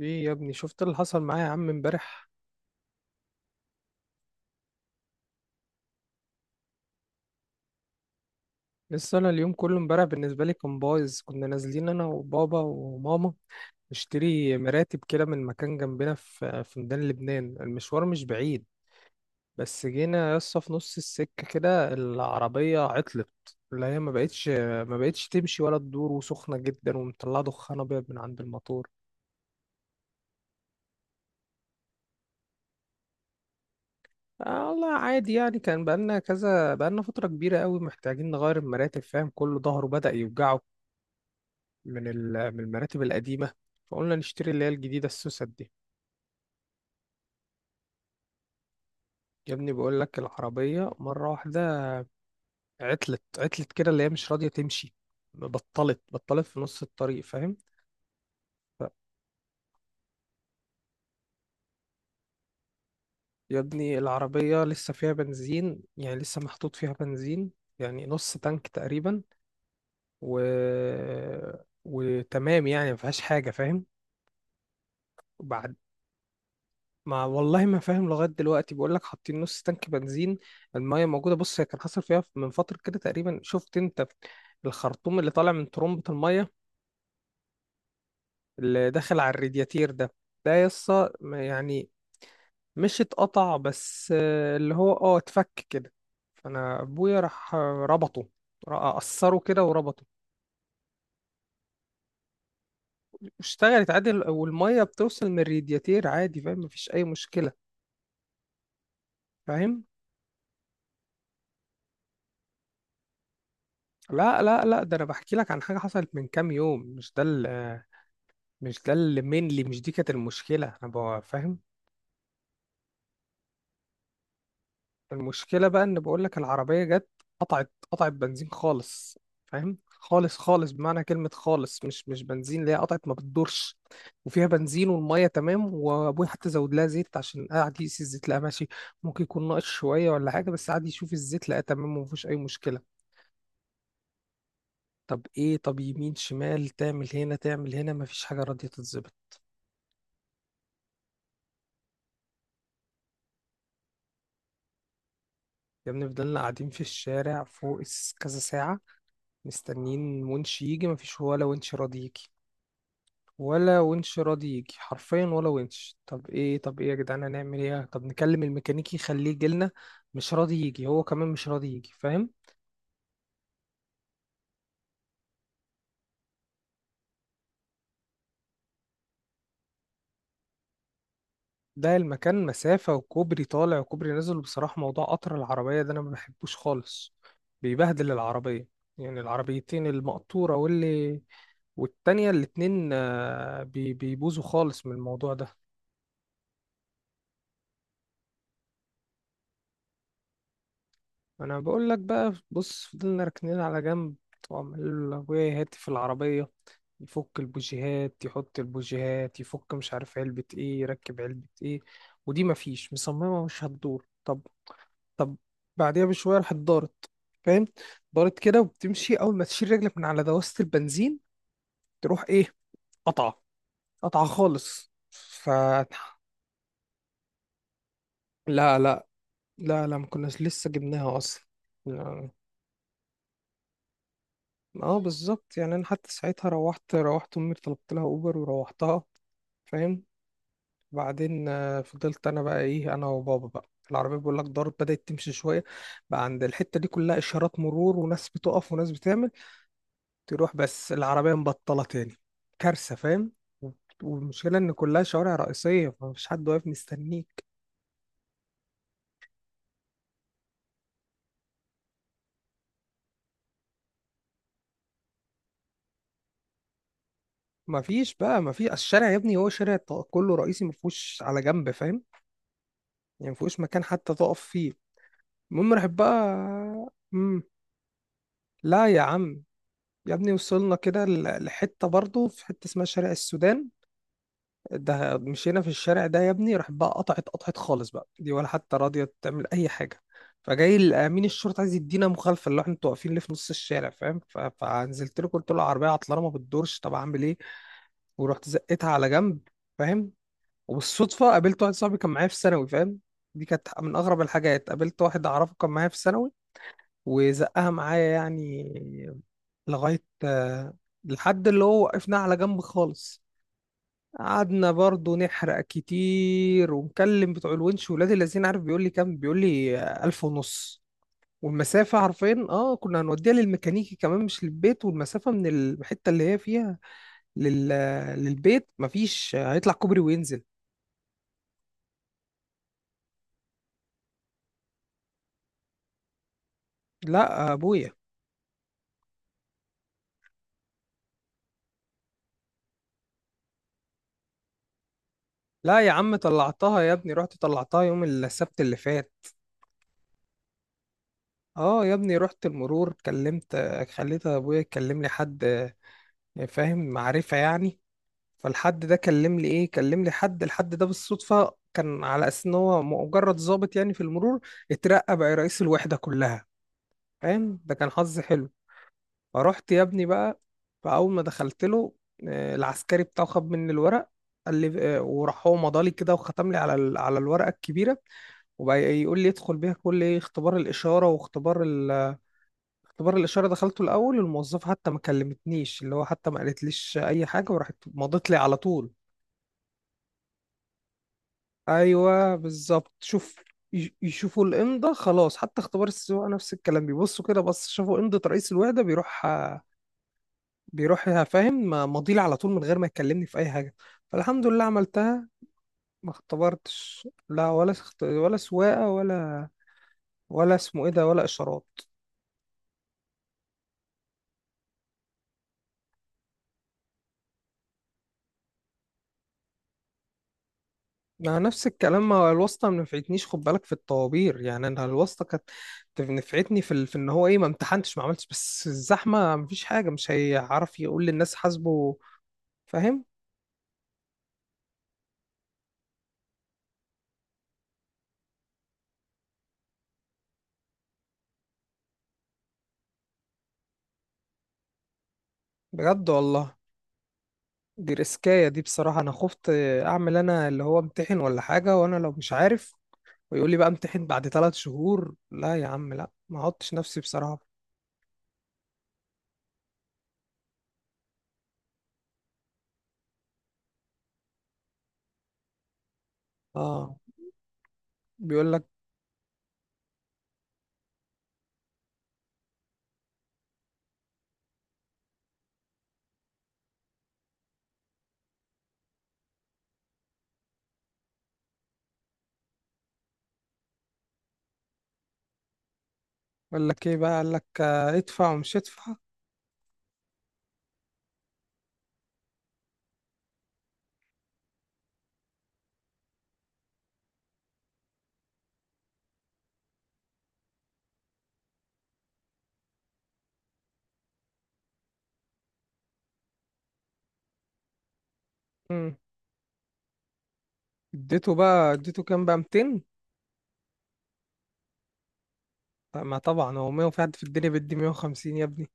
ايه يا ابني، شفت اللي حصل معايا يا عم امبارح؟ لسه انا اليوم كله، امبارح بالنسبه لي كان بايظ. كنا نازلين انا وبابا وماما نشتري مراتب كده من مكان جنبنا في ميدان لبنان. المشوار مش بعيد، بس جينا يسطا في نص السكه كده العربيه عطلت، اللي هي ما بقتش تمشي ولا تدور، وسخنه جدا ومطلعه دخان ابيض من عند الموتور. آه والله عادي، يعني كان بقالنا كذا، بقالنا فترة كبيرة قوي محتاجين نغير المراتب، فاهم؟ كله ظهره بدأ يوجعه من المراتب القديمة، فقلنا نشتري اللي هي الجديدة، السوسة دي. يا ابني بقول لك، العربية مرة واحدة عطلت كده، اللي هي مش راضية تمشي، بطلت في نص الطريق، فاهم؟ يا ابني العربية لسه فيها بنزين، يعني لسه محطوط فيها بنزين، يعني نص تانك تقريبا، و... وتمام يعني، ما فيهاش حاجة، فاهم؟ وبعد، ما والله ما فاهم لغايه دلوقتي. بقول لك حاطين نص تانك بنزين، المايه موجوده. بص، هي كان حصل فيها من فتره كده تقريبا، شفت انت الخرطوم اللي طالع من ترمبه المايه اللي داخل على الرادياتير ده؟ ده يسا ما- يعني مش اتقطع، بس اللي هو اه اتفك كده. فانا ابويا راح ربطه، قصره كده وربطه. اشتغلت عادي، والميه بتوصل من الرادياتير عادي، فاهم؟ مفيش اي مشكله، فاهم؟ لا لا لا، ده انا بحكي لك عن حاجه حصلت من كام يوم، مش ده. مش ده اللي مينلي، مش دي كانت المشكلة، انا بقى فاهم. المشكلة بقى ان بقول لك العربية جت، قطعت بنزين خالص، فاهم؟ خالص خالص بمعنى كلمة خالص، مش بنزين، اللي هي قطعت، ما بتدورش. وفيها بنزين، والمية تمام، وابوي حتى زود لها زيت عشان قاعد يقيس الزيت لقى ماشي، ممكن يكون ناقص شوية ولا حاجة، بس قاعد يشوف الزيت لقى تمام ومفيش أي مشكلة. طب ايه، طب يمين شمال، تعمل هنا تعمل هنا، مفيش حاجة راضية تتظبط. يا ابني فضلنا قاعدين في الشارع فوق كذا ساعة مستنيين ونش يجي، مفيش ولا ونش راضي يجي. ولا ونش راضي يجي حرفيا، ولا ونش. طب ايه، يا جدعان هنعمل ايه؟ طب نكلم الميكانيكي يخليه يجيلنا، مش راضي يجي، هو كمان مش راضي يجي، فاهم؟ ده المكان مسافة، وكوبري طالع وكوبري نازل. بصراحة موضوع قطر العربية ده أنا ما بحبوش خالص، بيبهدل العربية. يعني العربيتين، المقطورة واللي والتانية، الاتنين بيبوظوا خالص من الموضوع ده. انا بقول لك بقى، بص، فضلنا راكنين على جنب، وعمال ابويا يهاتي في العربيه، يفك البوجيهات يحط البوجيهات، يفك مش عارف علبه ايه، يركب علبه ايه. ودي مفيش مصممه مش هتدور. طب، طب بعديها بشويه راحت دارت، فاهم؟ دارت كده وبتمشي، اول ما تشيل رجلك من على دواسه البنزين تروح ايه؟ قطعه، خالص ف- لا لا، ما كناش لسه جبناها اصلا. اه بالظبط، يعني انا حتى ساعتها روحت امي، طلبت لها اوبر وروحتها، فاهم؟ بعدين فضلت انا بقى ايه، انا وبابا بقى. العربيه بقول لك دارت، بدات تمشي شويه. بقى عند الحته دي كلها اشارات مرور وناس بتقف وناس بتعمل، تروح بس العربيه مبطله تاني، كارثه، فاهم؟ والمشكله ان كلها شوارع رئيسيه، فمفيش حد واقف مستنيك. مفيش بقى مفيش، الشارع يا ابني هو شارع كله رئيسي، مفهوش على جنب، فاهم؟ يعني مفهوش مكان حتى تقف فيه. المهم راحت بقى. لا يا عم، يا ابني وصلنا كده لحتة برضه، في حتة اسمها شارع السودان. ده مشينا في الشارع ده يا ابني، راح بقى قطعت خالص بقى دي، ولا حتى راضية تعمل أي حاجة. فجاي أمين الشرطة عايز يدينا مخالفة، اللي هو احنا انتوا واقفين ليه في نص الشارع، فاهم؟ فنزلت له، قلت له العربية عطلانة ما بتدورش، طب أعمل إيه؟ ورحت زقتها على جنب، فاهم؟ وبالصدفة قابلت واحد صاحبي كان معايا في ثانوي، فاهم؟ دي كانت من أغرب الحاجات، قابلت واحد أعرفه كان معايا في ثانوي، وزقها معايا يعني لغاية لحد اللي هو وقفنا على جنب خالص. قعدنا برضو نحرق كتير، ومكلم بتوع الونش ولاد الذين، عارف بيقول لي كام؟ بيقول لي ألف ونص. والمسافة عارفين اه، كنا هنوديها للميكانيكي كمان مش للبيت، والمسافة من الحتة اللي هي فيها لل... آه، للبيت مفيش، هيطلع كوبري وينزل. لا، يا ابويا. لا يا عم طلعتها يا ابني، رحت طلعتها يوم السبت اللي فات. اه يا ابني رحت المرور، كلمت خليت ابويا يكلم لي حد، يعني فاهم، معرفة يعني. فالحد ده كلم لي ايه، كلم لي حد. الحد ده بالصدفة كان على اساس ان هو مجرد ضابط يعني في المرور، اترقى بقى رئيس الوحدة كلها، فاهم؟ ده كان حظ حلو. فرحت يا ابني بقى، فاول ما دخلت له العسكري بتاعه خد مني الورق، قال لي وراح هو مضالي كده وختم لي على على الورقة الكبيرة. وبقى يقول لي ادخل بيها كل ايه، اختبار الإشارة واختبار. اختبار الإشارة دخلته الأول، الموظفة حتى ما كلمتنيش، اللي هو حتى ما قالتليش أي حاجة، وراحت مضت لي على طول. أيوه بالظبط، شوف، يشوفوا الإمضة خلاص. حتى اختبار السواقة نفس الكلام، بيبصوا كده، بس شافوا إمضة رئيس الوحدة بيروح، فاهم؟ مضيلي على طول من غير ما يكلمني في أي حاجة. فالحمد لله عملتها. ما اختبرتش لا، ولا ولا سواقة، ولا ولا اسمه إيه ده، ولا إشارات. ما نفس الكلام، ما هو الواسطة ما نفعتنيش خد بالك في الطوابير. يعني انا الواسطة كانت نفعتني في في ان هو ايه ما امتحنتش ما عملتش، بس الزحمة مفيش حاجة، مش هيعرف يقول للناس حاسبه، فاهم؟ بجد والله، دي ريسكاية دي بصراحة. انا خفت اعمل انا اللي هو امتحن ولا حاجة وانا لو مش عارف، ويقول لي بقى امتحن بعد ثلاث شهور. لا يا عم لا، ما احطش نفسي بصراحة. اه بيقول لك. قال لك ايه بقى، قال لك ادفع ومش ادفع. مم. اديته بقى، اديته كام بقى؟ 200. ما طبعا هو 100، في حد في الدنيا بيدي 150 يا ابني؟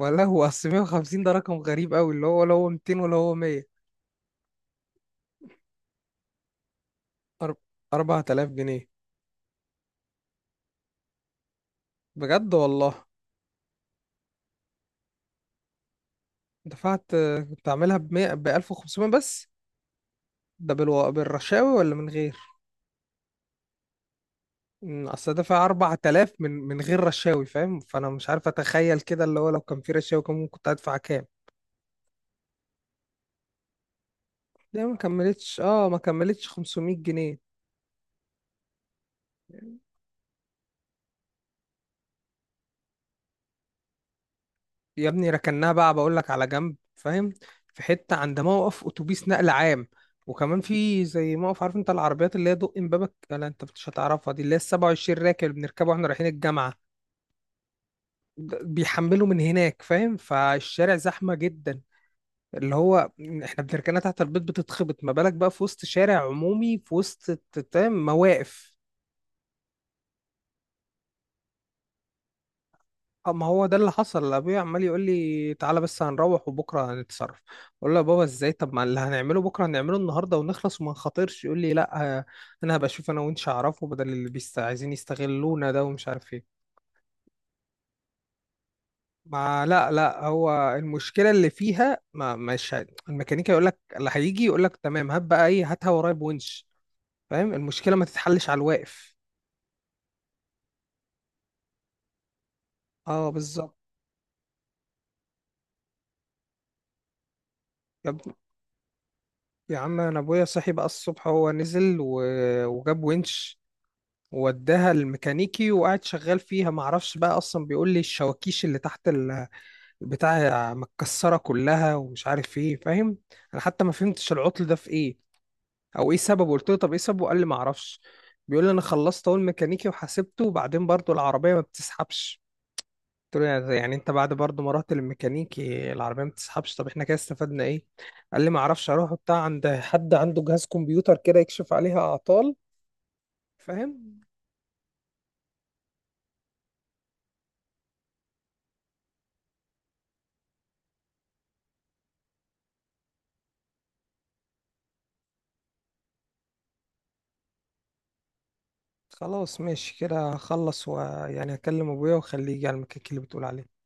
ولا هو اصل 150 ده رقم غريب قوي، اللي هو ولا هو 200 ولا هو 100. أر- 4000 جنيه. بجد والله؟ دفعت كنت عاملها ب 100، ب 1500 بس. ده بالرشاوي ولا من غير؟ اصل دافع 4000 من غير رشاوي، فاهم؟ فانا مش عارف اتخيل كده، اللي هو لو كان في رشاوي كان ممكن كنت هدفع كام. ده ما كملتش اه، ما كملتش 500 جنيه. يا ابني ركناها بقى، بقول لك على جنب، فاهم؟ في حته عند موقف اتوبيس نقل عام، وكمان في زي موقف، عارف انت العربيات اللي هي دق امبابك؟ لا انت مش هتعرفها، دي اللي هي ال 27 راكب اللي بنركبه واحنا رايحين الجامعه. ده بيحملوا من هناك، فاهم؟ فالشارع زحمه جدا، اللي هو احنا بنركنها تحت البيت بتتخبط، ما بالك بقى في وسط شارع عمومي في وسط فاهم، مواقف. اه ما هو ده اللي حصل. ابويا عمال يقول لي تعالى بس هنروح وبكره هنتصرف، اقول له يا بابا ازاي، طب ما اللي هنعمله بكره هنعمله النهارده ونخلص وما نخاطرش. يقول لي لا انا هبقى اشوف انا وانت اعرفه، بدل اللي بيست عايزين يستغلونا ده ومش عارف ايه. ما لا لا، هو المشكله اللي فيها، ما مش الميكانيكا يقول لك، اللي هيجي يقول لك تمام هات بقى ايه، هاتها ورايا بونش، فاهم؟ المشكله ما تتحلش على الواقف. اه بالظبط. يا ابني- يا عم انا ابويا صحي بقى الصبح، هو نزل وجاب ونش، وداها الميكانيكي وقعد شغال فيها. معرفش بقى اصلا، بيقول لي الشواكيش اللي تحت البتاع متكسره كلها ومش عارف ايه، فاهم؟ انا حتى ما فهمتش العطل ده في ايه او ايه سببه. قلت له طب ايه سببه، قال لي معرفش. بيقول لي انا خلصت اول ميكانيكي وحاسبته، وبعدين برضو العربيه ما بتسحبش. قلت له يعني، انت بعد برضو ما رحت للميكانيكي العربيه ما بتسحبش، طب احنا كده استفدنا ايه؟ قال لي معرفش، اروح بتاع عند حد عنده جهاز كمبيوتر كده يكشف عليها اعطال، فاهم؟ خلاص ماشي كده، هخلص ويعني هكلم ابويا واخليه يجي على المكان اللي بتقول عليه.